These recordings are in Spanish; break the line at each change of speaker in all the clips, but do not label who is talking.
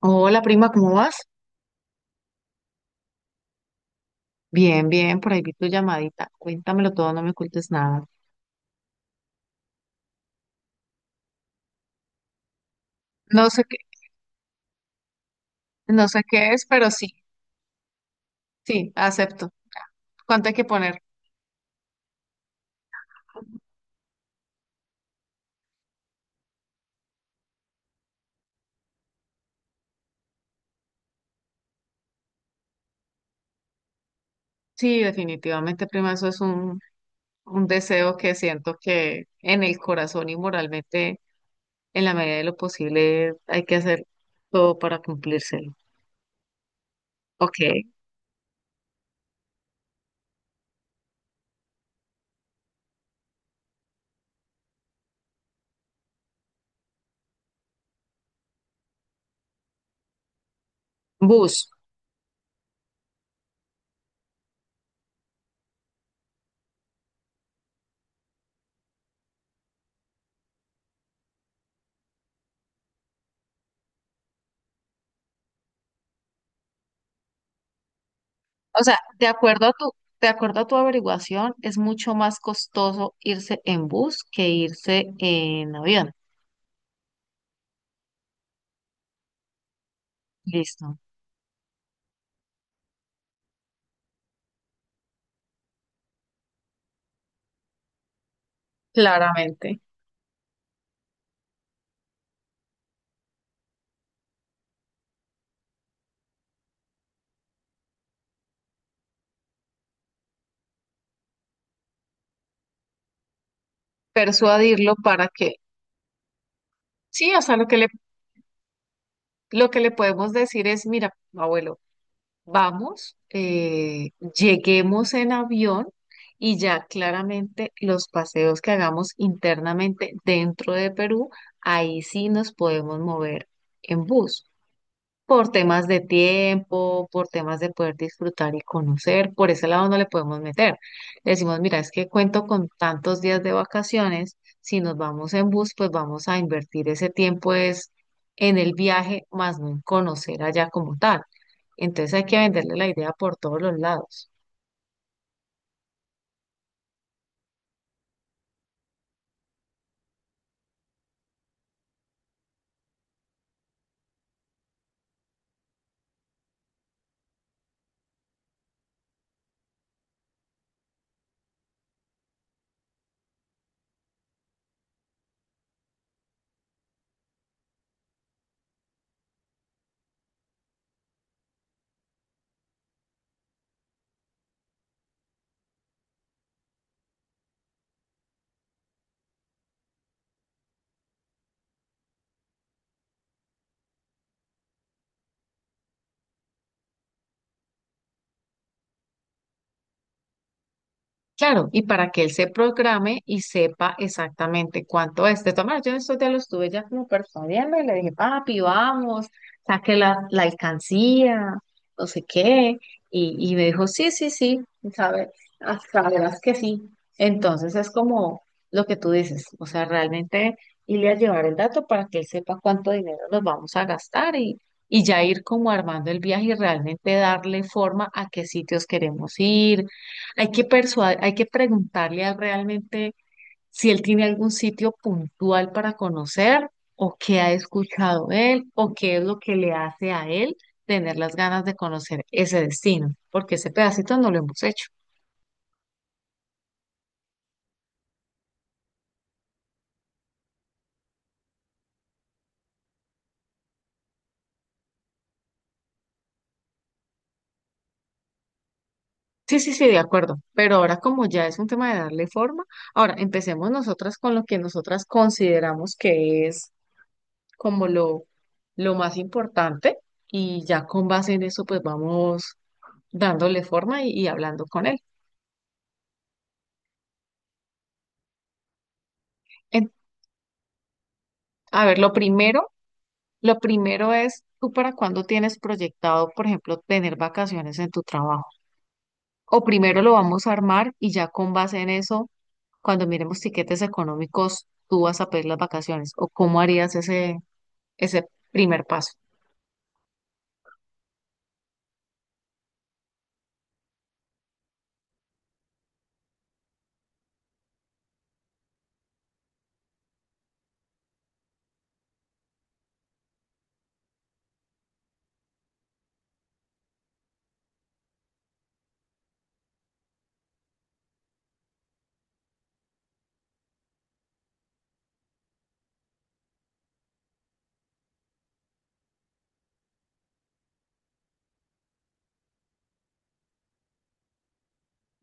Hola prima, ¿cómo vas? Bien, bien, por ahí vi tu llamadita. Cuéntamelo todo, no me ocultes nada. No sé qué, no sé qué es, pero sí, sí, acepto. ¿Cuánto hay que poner? Sí, definitivamente, prima, eso es un deseo que siento que en el corazón y moralmente, en la medida de lo posible, hay que hacer todo para cumplírselo. Ok, bus. O sea, de acuerdo a tu averiguación, es mucho más costoso irse en bus que irse en avión. Listo. Claramente, persuadirlo para que, sí, o sea, lo que le podemos decir es, mira, abuelo, vamos, lleguemos en avión y ya claramente los paseos que hagamos internamente dentro de Perú, ahí sí nos podemos mover en bus. Por temas de tiempo, por temas de poder disfrutar y conocer, por ese lado no le podemos meter. Le decimos, mira, es que cuento con tantos días de vacaciones, si nos vamos en bus, pues vamos a invertir ese tiempo es en el viaje, más no en conocer allá como tal. Entonces hay que venderle la idea por todos los lados. Claro, y para que él se programe y sepa exactamente cuánto es. De todas maneras, yo en estos días lo estuve ya como persuadiendo y le dije, papi, vamos, saque la alcancía, no sé qué. Y me dijo, sí, sí, sí. La verdad es que sí. Entonces es como lo que tú dices, o sea, realmente irle a llevar el dato para que él sepa cuánto dinero nos vamos a gastar y ya ir como armando el viaje y realmente darle forma a qué sitios queremos ir. Hay que hay que preguntarle a él realmente si él tiene algún sitio puntual para conocer o qué ha escuchado él o qué es lo que le hace a él tener las ganas de conocer ese destino, porque ese pedacito no lo hemos hecho. Sí, sí, sí, de acuerdo. Pero ahora como ya es un tema de darle forma, ahora empecemos nosotras con lo que nosotras consideramos que es como lo más importante y ya con base en eso pues vamos dándole forma y hablando con él. En- a ver, lo primero es tú para cuándo tienes proyectado, por ejemplo, tener vacaciones en tu trabajo. O primero lo vamos a armar y ya con base en eso, cuando miremos tiquetes económicos, tú vas a pedir las vacaciones. ¿O cómo harías ese primer paso?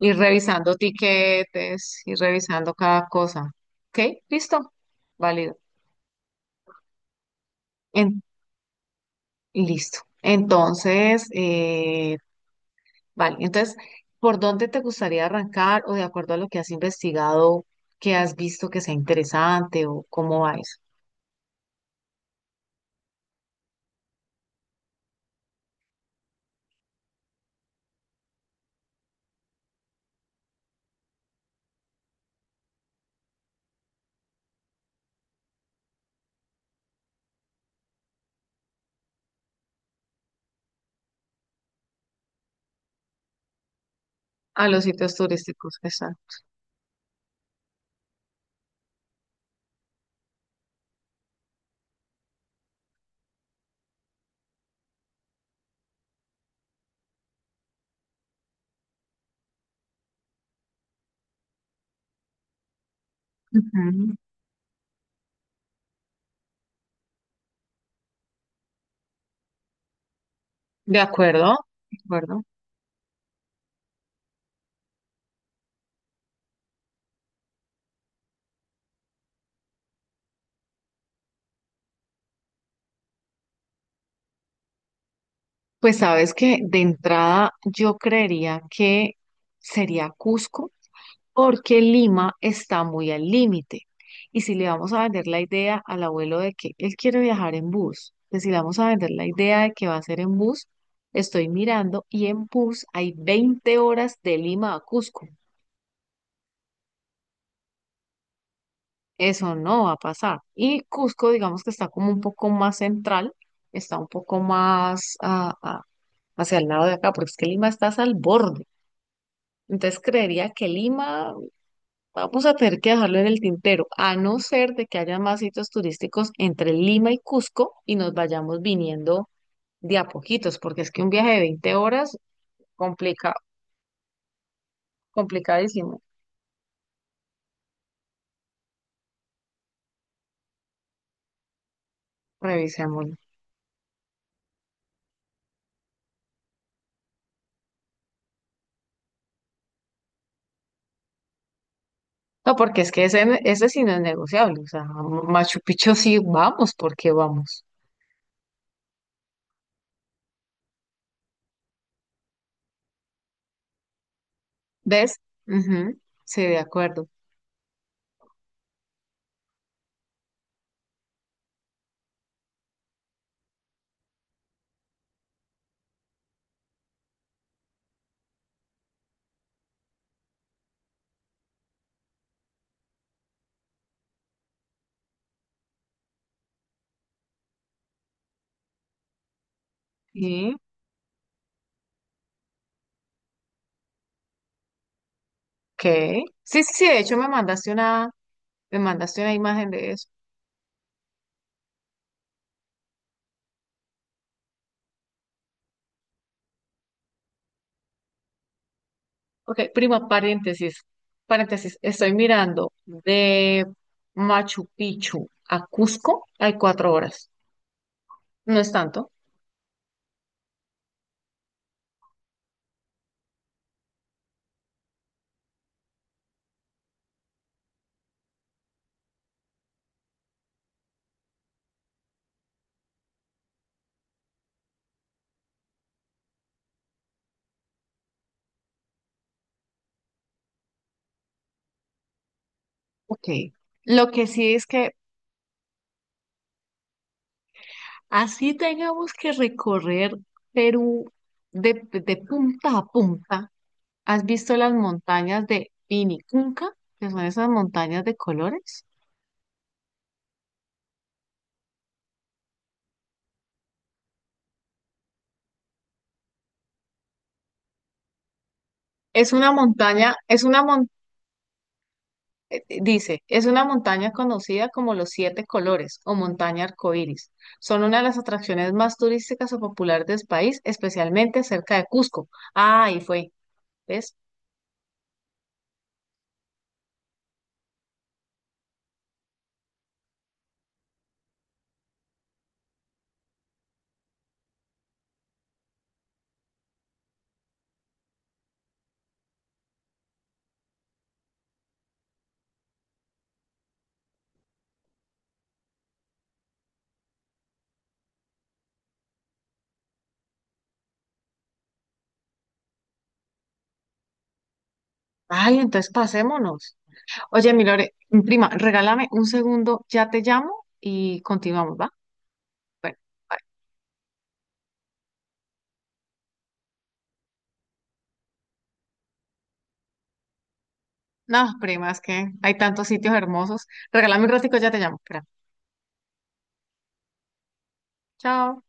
Ir revisando tiquetes, ir revisando cada cosa. ¿Ok? ¿Listo? Válido. En- Listo. Entonces, vale. Entonces, ¿por dónde te gustaría arrancar o de acuerdo a lo que has investigado, que has visto que sea interesante o cómo va eso? A los sitios turísticos que están. Ujú. De acuerdo, de acuerdo. Pues sabes que de entrada yo creería que sería Cusco porque Lima está muy al límite. Y si le vamos a vender la idea al abuelo de que él quiere viajar en bus, que si le vamos a vender la idea de que va a ser en bus, estoy mirando y en bus hay 20 horas de Lima a Cusco. Eso no va a pasar. Y Cusco, digamos que está como un poco más central, está un poco más hacia el lado de acá, porque es que Lima está al borde. Entonces creería que Lima vamos a tener que dejarlo en el tintero, a no ser de que haya más sitios turísticos entre Lima y Cusco y nos vayamos viniendo de a poquitos, porque es que un viaje de 20 horas complica, complicadísimo. Revisémoslo. No, porque es que ese sí no es negociable. O sea, Machu Picchu sí vamos, porque vamos. ¿Ves? Ujú. Sí, de acuerdo. ¿Y qué? Sí, sí, sí, de hecho me mandaste una imagen de eso. Ok, prima, paréntesis, paréntesis. Estoy mirando de Machu Picchu a Cusco, hay 4 horas. No es tanto. Ok. Lo que sí es que así tengamos que recorrer Perú de punta a punta. ¿Has visto las montañas de Pinicunca? Que son esas montañas de colores. Es una montaña. Dice, es una montaña conocida como los Siete Colores o montaña arcoíris. Son una de las atracciones más turísticas o populares del país, especialmente cerca de Cusco. Ah, ahí fue, ¿ves? Ay, entonces pasémonos. Oye, mi Lore, mi prima, regálame un segundo, ya te llamo y continuamos, ¿va? Bueno, bye. No, prima, es que hay tantos sitios hermosos. Regálame un ratico, ya te llamo. Espera. Chao.